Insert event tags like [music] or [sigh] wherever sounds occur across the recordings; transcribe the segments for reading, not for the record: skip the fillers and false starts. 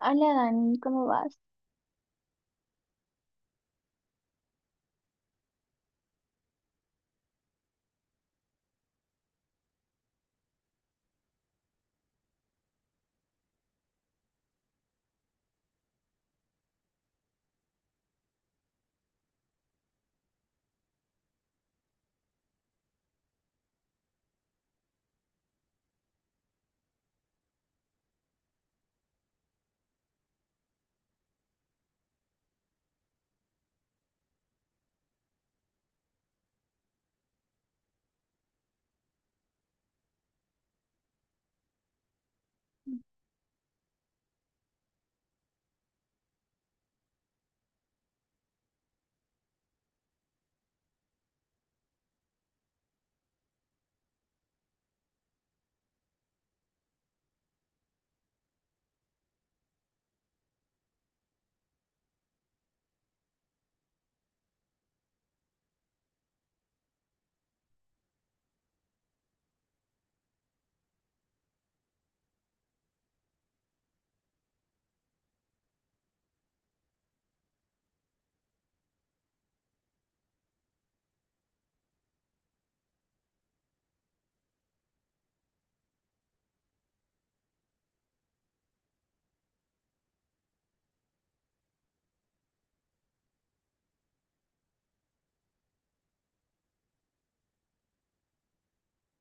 Hola Dani, ¿cómo vas?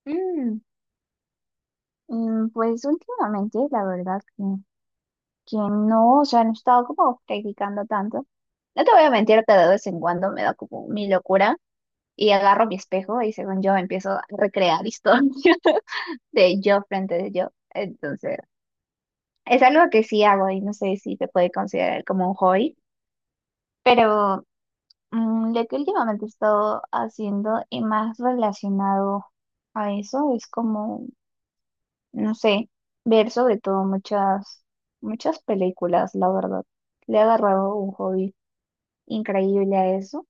Mm, pues últimamente, la verdad que no, o sea, no he estado como practicando tanto. No te voy a mentir que de vez en cuando me da como mi locura y agarro mi espejo y según yo empiezo a recrear historias [laughs] de yo frente de yo. Entonces, es algo que sí hago y no sé si se puede considerar como un hobby, pero lo que últimamente he estado haciendo y más relacionado a eso es como... no sé, ver sobre todo muchas películas, la verdad. Le he agarrado un hobby increíble a eso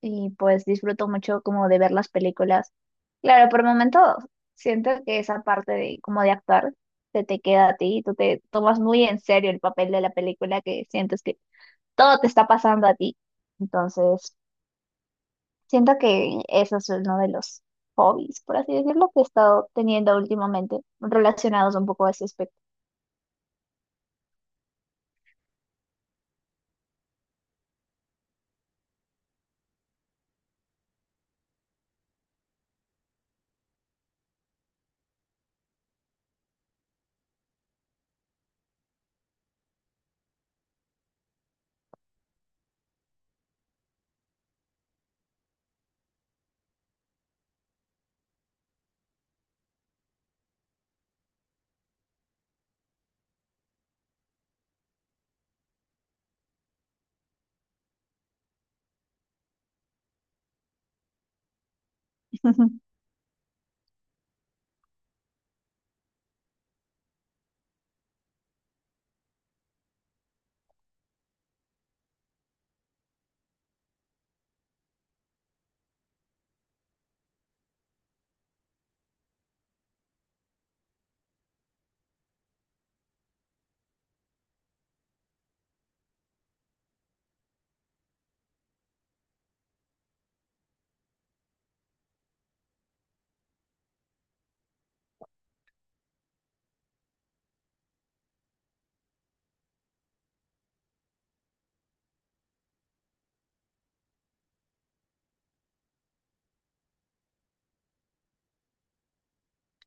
y pues disfruto mucho como de ver las películas. Claro, por momentos siento que esa parte de como de actuar se te queda a ti y tú te tomas muy en serio el papel de la película que sientes que todo te está pasando a ti. Entonces, siento que eso es uno de los hobbies, por así decirlo, que he estado teniendo últimamente relacionados un poco a ese aspecto. [laughs]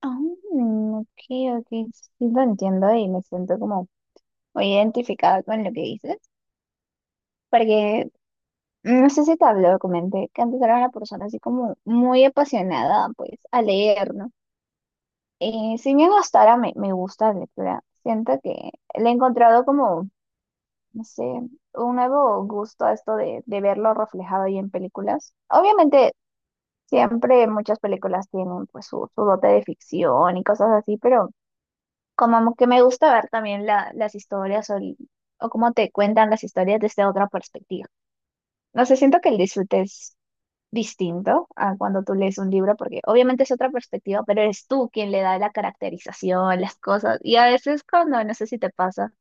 Ah, ok, ok, sí lo entiendo y me siento como muy identificada con lo que dices, porque no sé si te habló, comenté que antes era una persona así como muy apasionada pues a leer, ¿no? Si bien hasta ahora me gusta la lectura, siento que le he encontrado como, no sé, un nuevo gusto a esto de verlo reflejado ahí en películas. Obviamente siempre muchas películas tienen pues su dote de ficción y cosas así, pero... como que me gusta ver también las historias o, o cómo te cuentan las historias desde otra perspectiva. No sé, siento que el disfrute es distinto a cuando tú lees un libro, porque obviamente es otra perspectiva, pero eres tú quien le da la caracterización, las cosas. Y a veces cuando, no sé si te pasa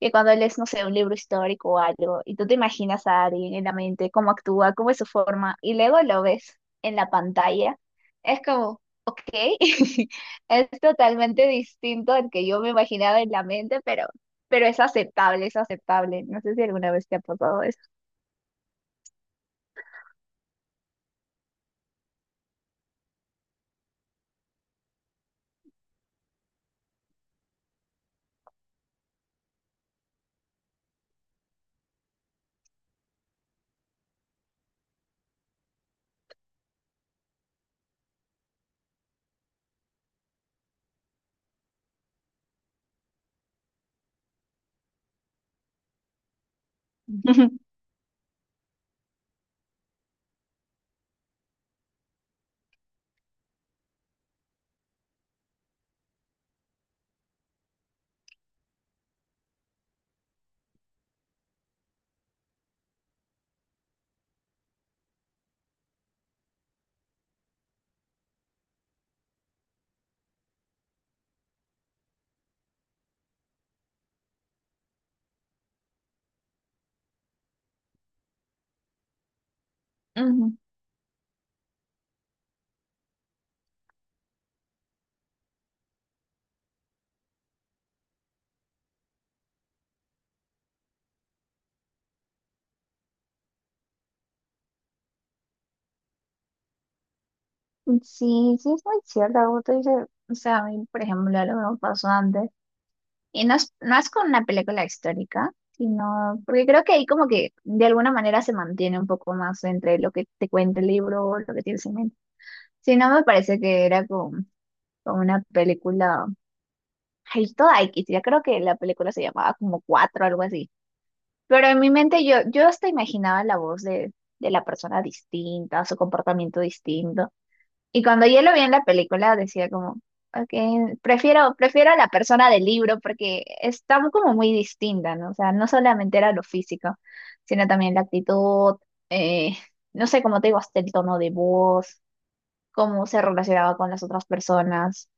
que cuando lees, no sé, un libro histórico o algo, y tú te imaginas a alguien en la mente, cómo actúa, cómo es su forma, y luego lo ves en la pantalla, es como, ok, [laughs] es totalmente distinto al que yo me imaginaba en la mente, pero es aceptable, es aceptable. No sé si alguna vez te ha pasado eso. [laughs] Ujú. Sí, sí, es muy cierto. Como tú dices, o sea, a mí, por ejemplo, algo que me pasó antes. Y no no es con una película histórica, sino porque creo que ahí como que de alguna manera se mantiene un poco más entre lo que te cuenta el libro o lo que tienes en mente. Si no, me parece que era con una película, ay, toda X, ya creo que la película se llamaba como Cuatro, algo así. Pero en mi mente yo hasta imaginaba la voz de la persona distinta, su comportamiento distinto. Y cuando yo lo vi en la película decía como, ok, prefiero, prefiero a la persona del libro porque está como muy distinta, ¿no? O sea, no solamente era lo físico, sino también la actitud, eh, no sé, cómo te digo, hasta el tono de voz, cómo se relacionaba con las otras personas.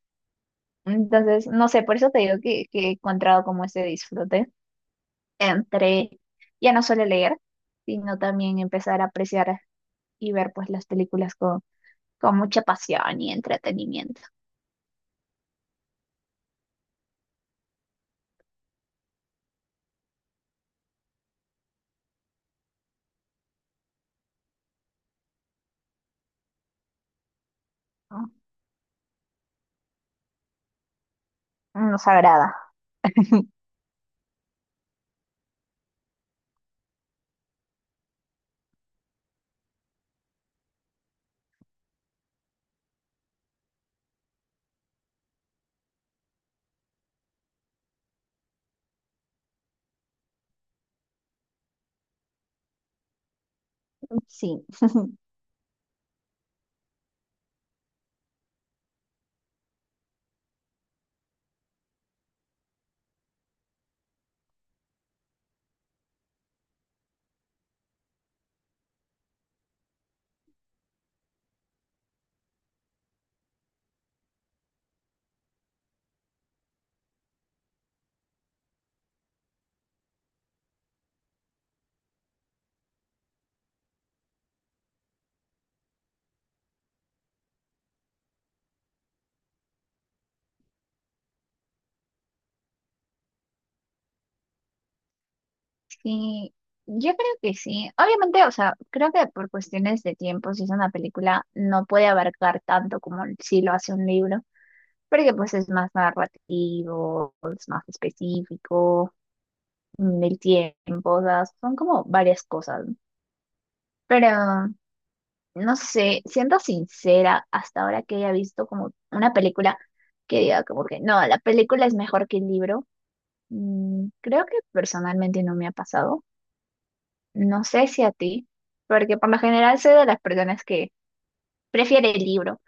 Entonces, no sé, por eso te digo que he encontrado como ese disfrute entre ya no solo leer, sino también empezar a apreciar y ver pues las películas con mucha pasión y entretenimiento. ¿No? Nos agrada. Sí, sí, yo creo que sí. Obviamente, o sea, creo que por cuestiones de tiempo, si es una película, no puede abarcar tanto como si lo hace un libro, porque pues es más narrativo, es más específico, el tiempo, o sea, son como varias cosas. ¿No? Pero, no sé, siendo sincera, hasta ahora que haya visto como una película que diga como que no, la película es mejor que el libro, creo que personalmente no me ha pasado. No sé si a ti, porque por lo general soy de las personas que prefiere el libro.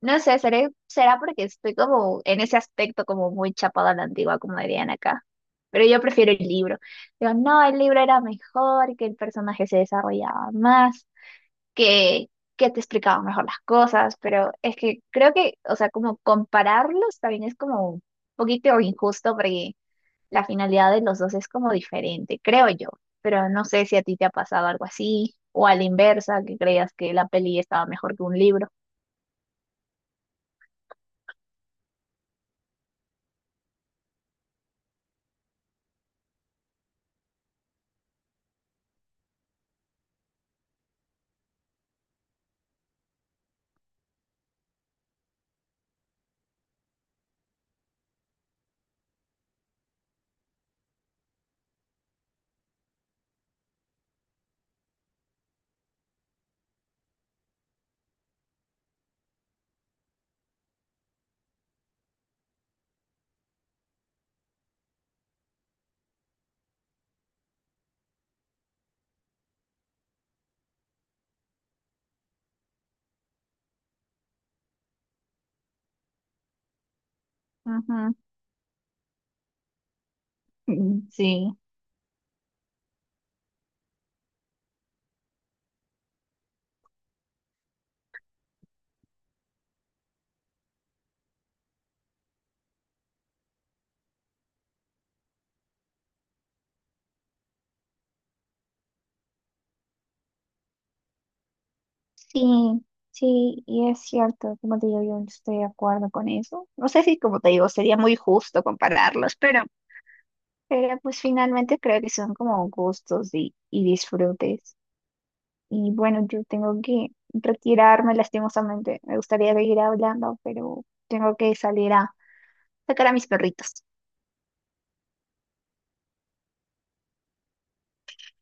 No sé, será porque estoy como en ese aspecto como muy chapada a la antigua, como dirían acá. Pero yo prefiero el libro. Digo, no, el libro era mejor, que el personaje se desarrollaba más, que, que te explicaba mejor las cosas, pero es que creo que, o sea, como compararlos también es como un poquito injusto porque la finalidad de los dos es como diferente, creo yo. Pero no sé si a ti te ha pasado algo así, o a la inversa, que creas que la peli estaba mejor que un libro. Ujú. Mm, sí. Sí, sí, y es cierto, como te digo, yo no estoy de acuerdo con eso. No sé si, como te digo, sería muy justo compararlos, pero pues finalmente creo que son como gustos y disfrutes. Y bueno, yo tengo que retirarme lastimosamente. Me gustaría seguir hablando, pero tengo que salir a sacar a mis perritos